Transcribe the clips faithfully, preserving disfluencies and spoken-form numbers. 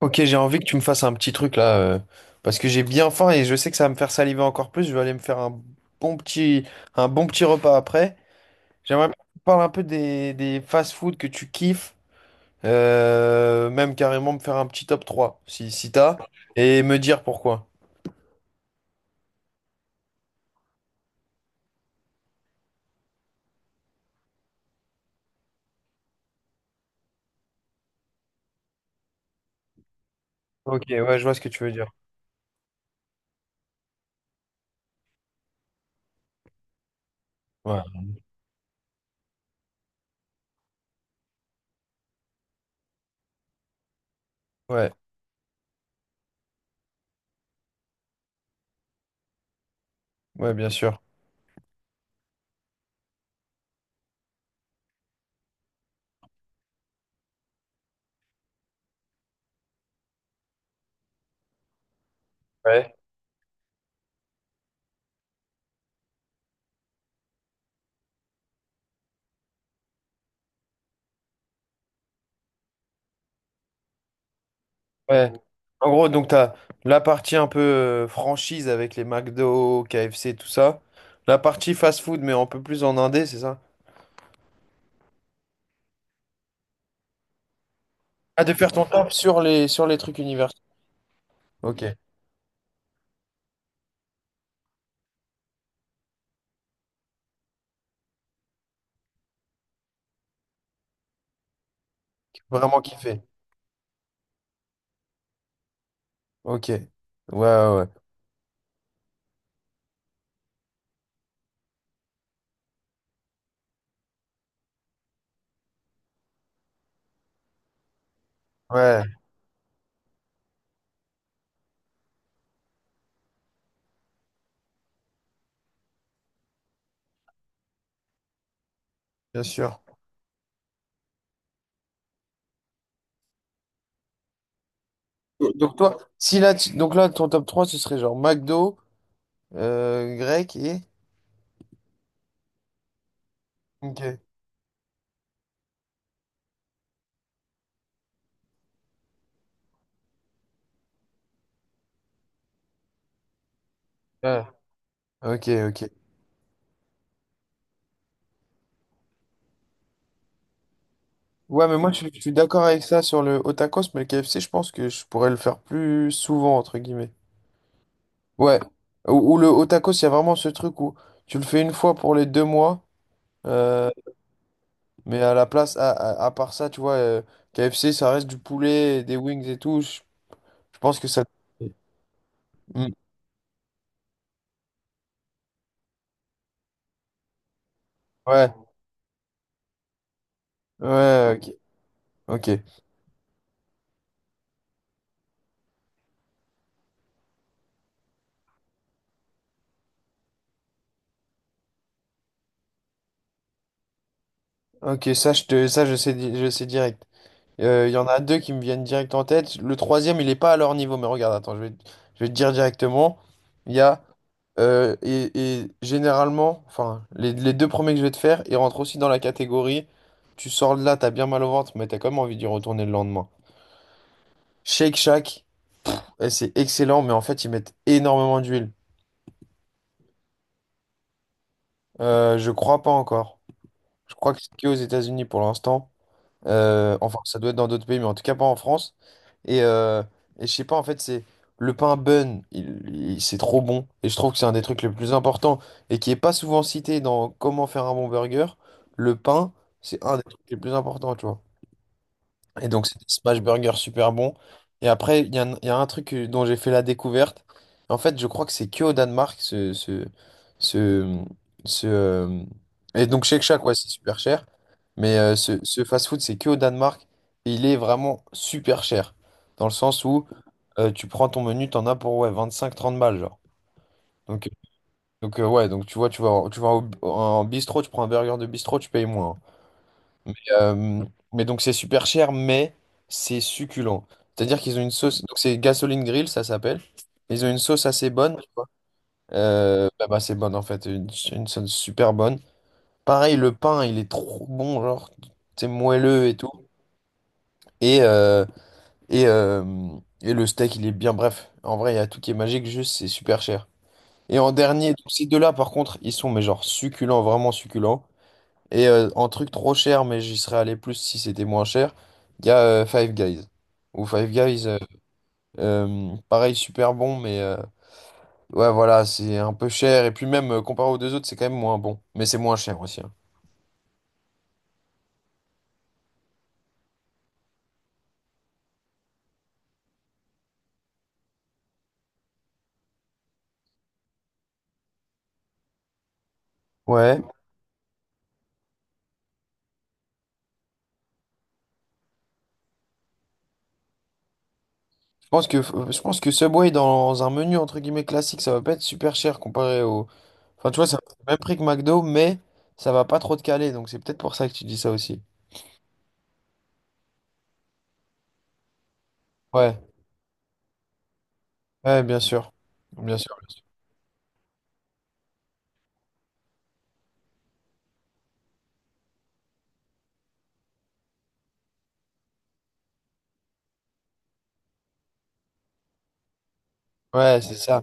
Ok, j'ai envie que tu me fasses un petit truc là, euh, parce que j'ai bien faim et je sais que ça va me faire saliver encore plus. Je vais aller me faire un bon petit, un bon petit repas après. J'aimerais bien que tu parles un peu des, des fast-food que tu kiffes, euh, même carrément me faire un petit top trois si, si t'as, et me dire pourquoi. Ok, ouais, je vois ce que tu veux dire. Ouais, ouais, ouais, bien sûr. Ouais. Ouais. En gros, donc t'as la partie un peu euh, franchise avec les McDo, K F C, tout ça. La partie fast-food, mais un peu plus en indé, c'est ça? Ah, de faire ton taf sur les, sur les trucs universels. Ok, vraiment kiffé. Ok, ouais, ouais, ouais, Ouais, bien sûr. Donc toi, si là, tu- donc là, ton top trois ce serait genre McDo, euh, grec et... Ok. Ouais. Ok, ok. Ouais, mais moi, je, je suis d'accord avec ça sur le hot tacos, mais le K F C, je pense que je pourrais le faire plus souvent, entre guillemets. Ouais. Ou, ou le hot tacos, il y a vraiment ce truc où tu le fais une fois pour les deux mois. euh, Mais à la place, à, à, à part ça, tu vois, euh, K F C, ça reste du poulet, des wings et tout. Je, je pense que ça. Mm. Ouais, ouais, ok. Ok, Ok, ça, je te, ça, je sais, di- je sais direct. Euh, Il y en a deux qui me viennent direct en tête. Le troisième, il est pas à leur niveau, mais regarde, attends, je vais, je vais te dire directement. Il y a. euh, et, et généralement, enfin, les, les deux premiers que je vais te faire, ils rentrent aussi dans la catégorie. Tu sors de là, t'as bien mal au ventre, mais t'as quand même envie d'y retourner le lendemain. Shake Shack. Eh, c'est excellent, mais en fait, ils mettent énormément d'huile. Euh, je crois pas encore. Je crois que c'est qu'aux États-Unis pour l'instant. Euh, enfin, ça doit être dans d'autres pays, mais en tout cas pas en France. Et, euh, et je sais pas, en fait, c'est le pain bun, il, il- c'est trop bon. Et je trouve que c'est un des trucs les plus importants et qui est pas souvent cité dans comment faire un bon burger. Le pain, c'est un des trucs les plus importants, tu vois. Et donc, c'est des Smash burgers super bons. Et après, il y a, un il y a un truc que- dont j'ai fait la découverte. En fait, je crois que c'est que au Danemark, ce, ce, ce, ce, euh, Et donc, Shake Shack, ouais, c'est super cher. Mais euh, ce, ce fast-food, c'est que au Danemark. Et il est vraiment super cher. Dans le sens où euh, tu prends ton menu, t'en as pour ouais, vingt-cinq à trente balles, genre. Donc, euh, donc euh, ouais, donc tu vois, tu vas, en- tu vas au- en bistrot, tu prends un burger de bistrot, tu payes moins. hein. Mais, Euh, mais donc c'est super cher, mais c'est succulent. C'est-à-dire qu'ils ont une sauce, donc c'est gasoline grill, ça s'appelle. Ils ont une sauce assez bonne, tu vois. Euh, bah, bah, c'est bonne en fait, une, une sauce super bonne. Pareil, le pain, il est trop bon, genre, c'est moelleux et tout. Et, euh, et, euh, et le steak, il est bien, bref. En vrai, il y a tout qui est magique, juste c'est super cher. Et en dernier, donc, ces deux-là, par contre, ils sont, mais genre, succulents, vraiment succulents. Et euh, en truc trop cher, mais j'y serais allé plus si c'était moins cher, il y a euh, Five Guys. Ou Five Guys, euh, euh, pareil, super bon, mais euh, ouais, voilà, c'est un peu cher. Et puis même, euh, comparé aux deux autres, c'est quand même moins bon. Mais c'est moins cher aussi. hein. Ouais, je pense que, je pense que Subway, dans un menu, entre guillemets, classique, ça va pas être super cher comparé au... Enfin, tu vois, c'est le même prix que McDo, mais ça va pas trop te caler. Donc c'est peut-être pour ça que tu dis ça aussi. Ouais, ouais, bien sûr. Bien sûr, bien sûr. Ouais, c'est ça.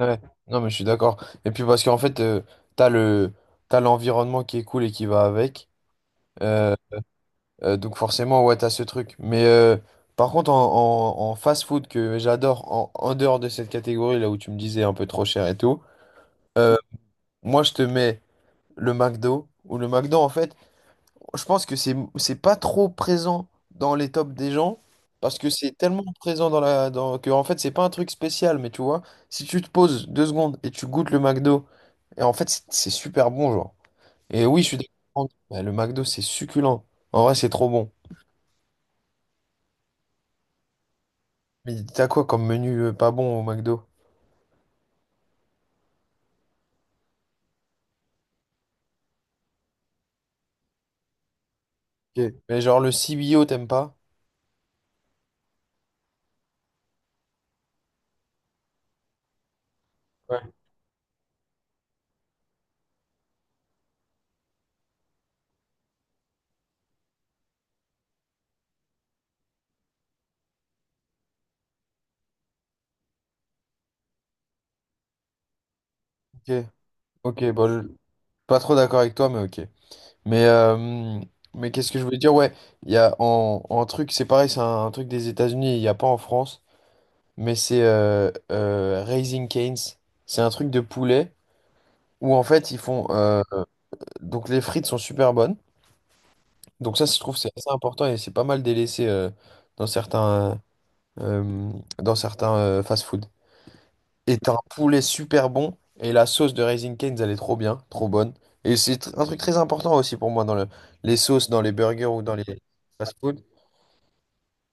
Ouais, non mais je suis d'accord. Et puis parce qu'en fait, euh, t'as le t'as l'environnement qui est cool et qui va avec. Euh, euh, donc forcément, ouais, t'as ce truc. Mais euh, par contre, en, en, en fast-food que j'adore, en, en dehors de cette catégorie là où tu me disais un peu trop cher et tout, euh, moi je te mets le McDo ou le McDo en fait. Je pense que c'est c'est pas trop présent dans les tops des gens, parce que c'est tellement présent dans la, dans que, en fait, c'est pas un truc spécial. Mais tu vois, si tu te poses deux secondes et tu goûtes le McDo, et en fait, c'est c'est super bon, genre. Et oui, je suis d'accord, bah, le McDo, c'est succulent. En vrai, c'est trop bon. Mais t'as quoi comme menu, euh, pas bon au McDo? Ok, mais genre, le C B O, t'aimes pas? Ouais. Ok, ok, bon, je- pas trop d'accord avec toi, mais ok. Mais, euh, mais qu'est-ce que je voulais dire? Ouais, il y a en, en truc, c'est pareil, c'est un, un truc des États-Unis, il n'y a pas en France, mais c'est euh, euh, Raising Cane's. C'est un truc de poulet où en fait, ils font. euh, Donc les frites sont super bonnes. Donc ça, je trouve, c'est assez important et c'est pas mal délaissé euh, dans certains, euh, dans certains euh, fast-food. Et t'as un poulet super bon, et la sauce de Raising Cane's, elle est trop bien, trop bonne. Et c'est tr- un truc très important aussi pour moi dans le, les sauces, dans les burgers ou dans les fast-food.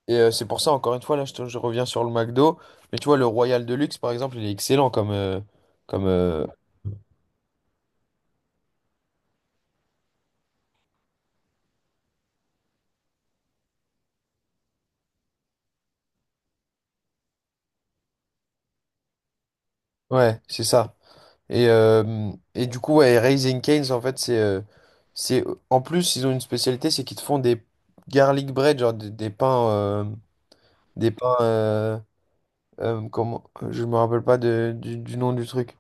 Et euh, c'est pour ça, encore une fois, là, je, te- je reviens sur le McDo. Mais tu vois, le Royal Deluxe, par exemple, il est excellent comme. euh, comme euh, ouais, c'est ça. Et, euh, et du coup, ouais, Raising Cane's, en fait, c'est. euh, c'est en plus, ils ont une spécialité, c'est qu'ils te font des garlic bread, genre des, des pains. Euh, des pains. Euh, euh, comment. Je me rappelle pas de- du, du nom du truc.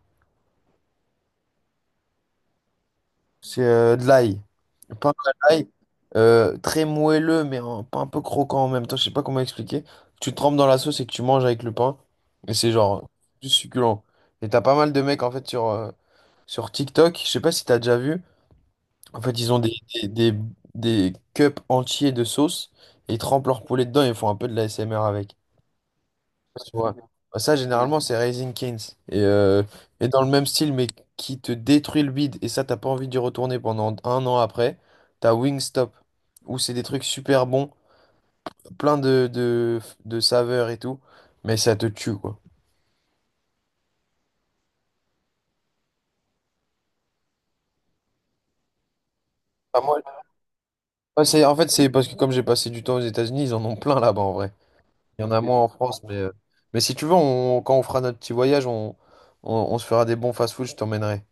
C'est euh, de l'ail. Pain à l'ail, euh, très moelleux, mais un, pas un peu croquant en même temps. Je sais pas comment expliquer. Tu trempes dans la sauce et que tu manges avec le pain. Et c'est genre juste succulent. Et t'as pas mal de mecs en fait sur, euh, sur TikTok. Je sais pas si t'as déjà vu. En fait, ils ont des, des, des, des cups entiers de sauce, et ils trempent leur poulet dedans et ils font un peu de la l'A S M R avec. Tu vois. Bah, Ça, généralement, c'est Raising Canes. Et, euh, et dans le même style, mais qui te détruit le bide. Et ça, t'as pas envie d'y retourner pendant un an après. T'as Wingstop, où c'est des trucs super bons, plein de, de, de saveurs et tout. Mais ça te tue, quoi. Ah, moi, moi, c'est- en fait, c'est parce que comme j'ai passé du temps aux États-Unis, ils en ont plein là-bas, en vrai. Il y en a moins en France, mais, euh, mais si tu veux, on- quand on fera notre petit voyage, on, on, on se fera des bons fast-food, je t'emmènerai.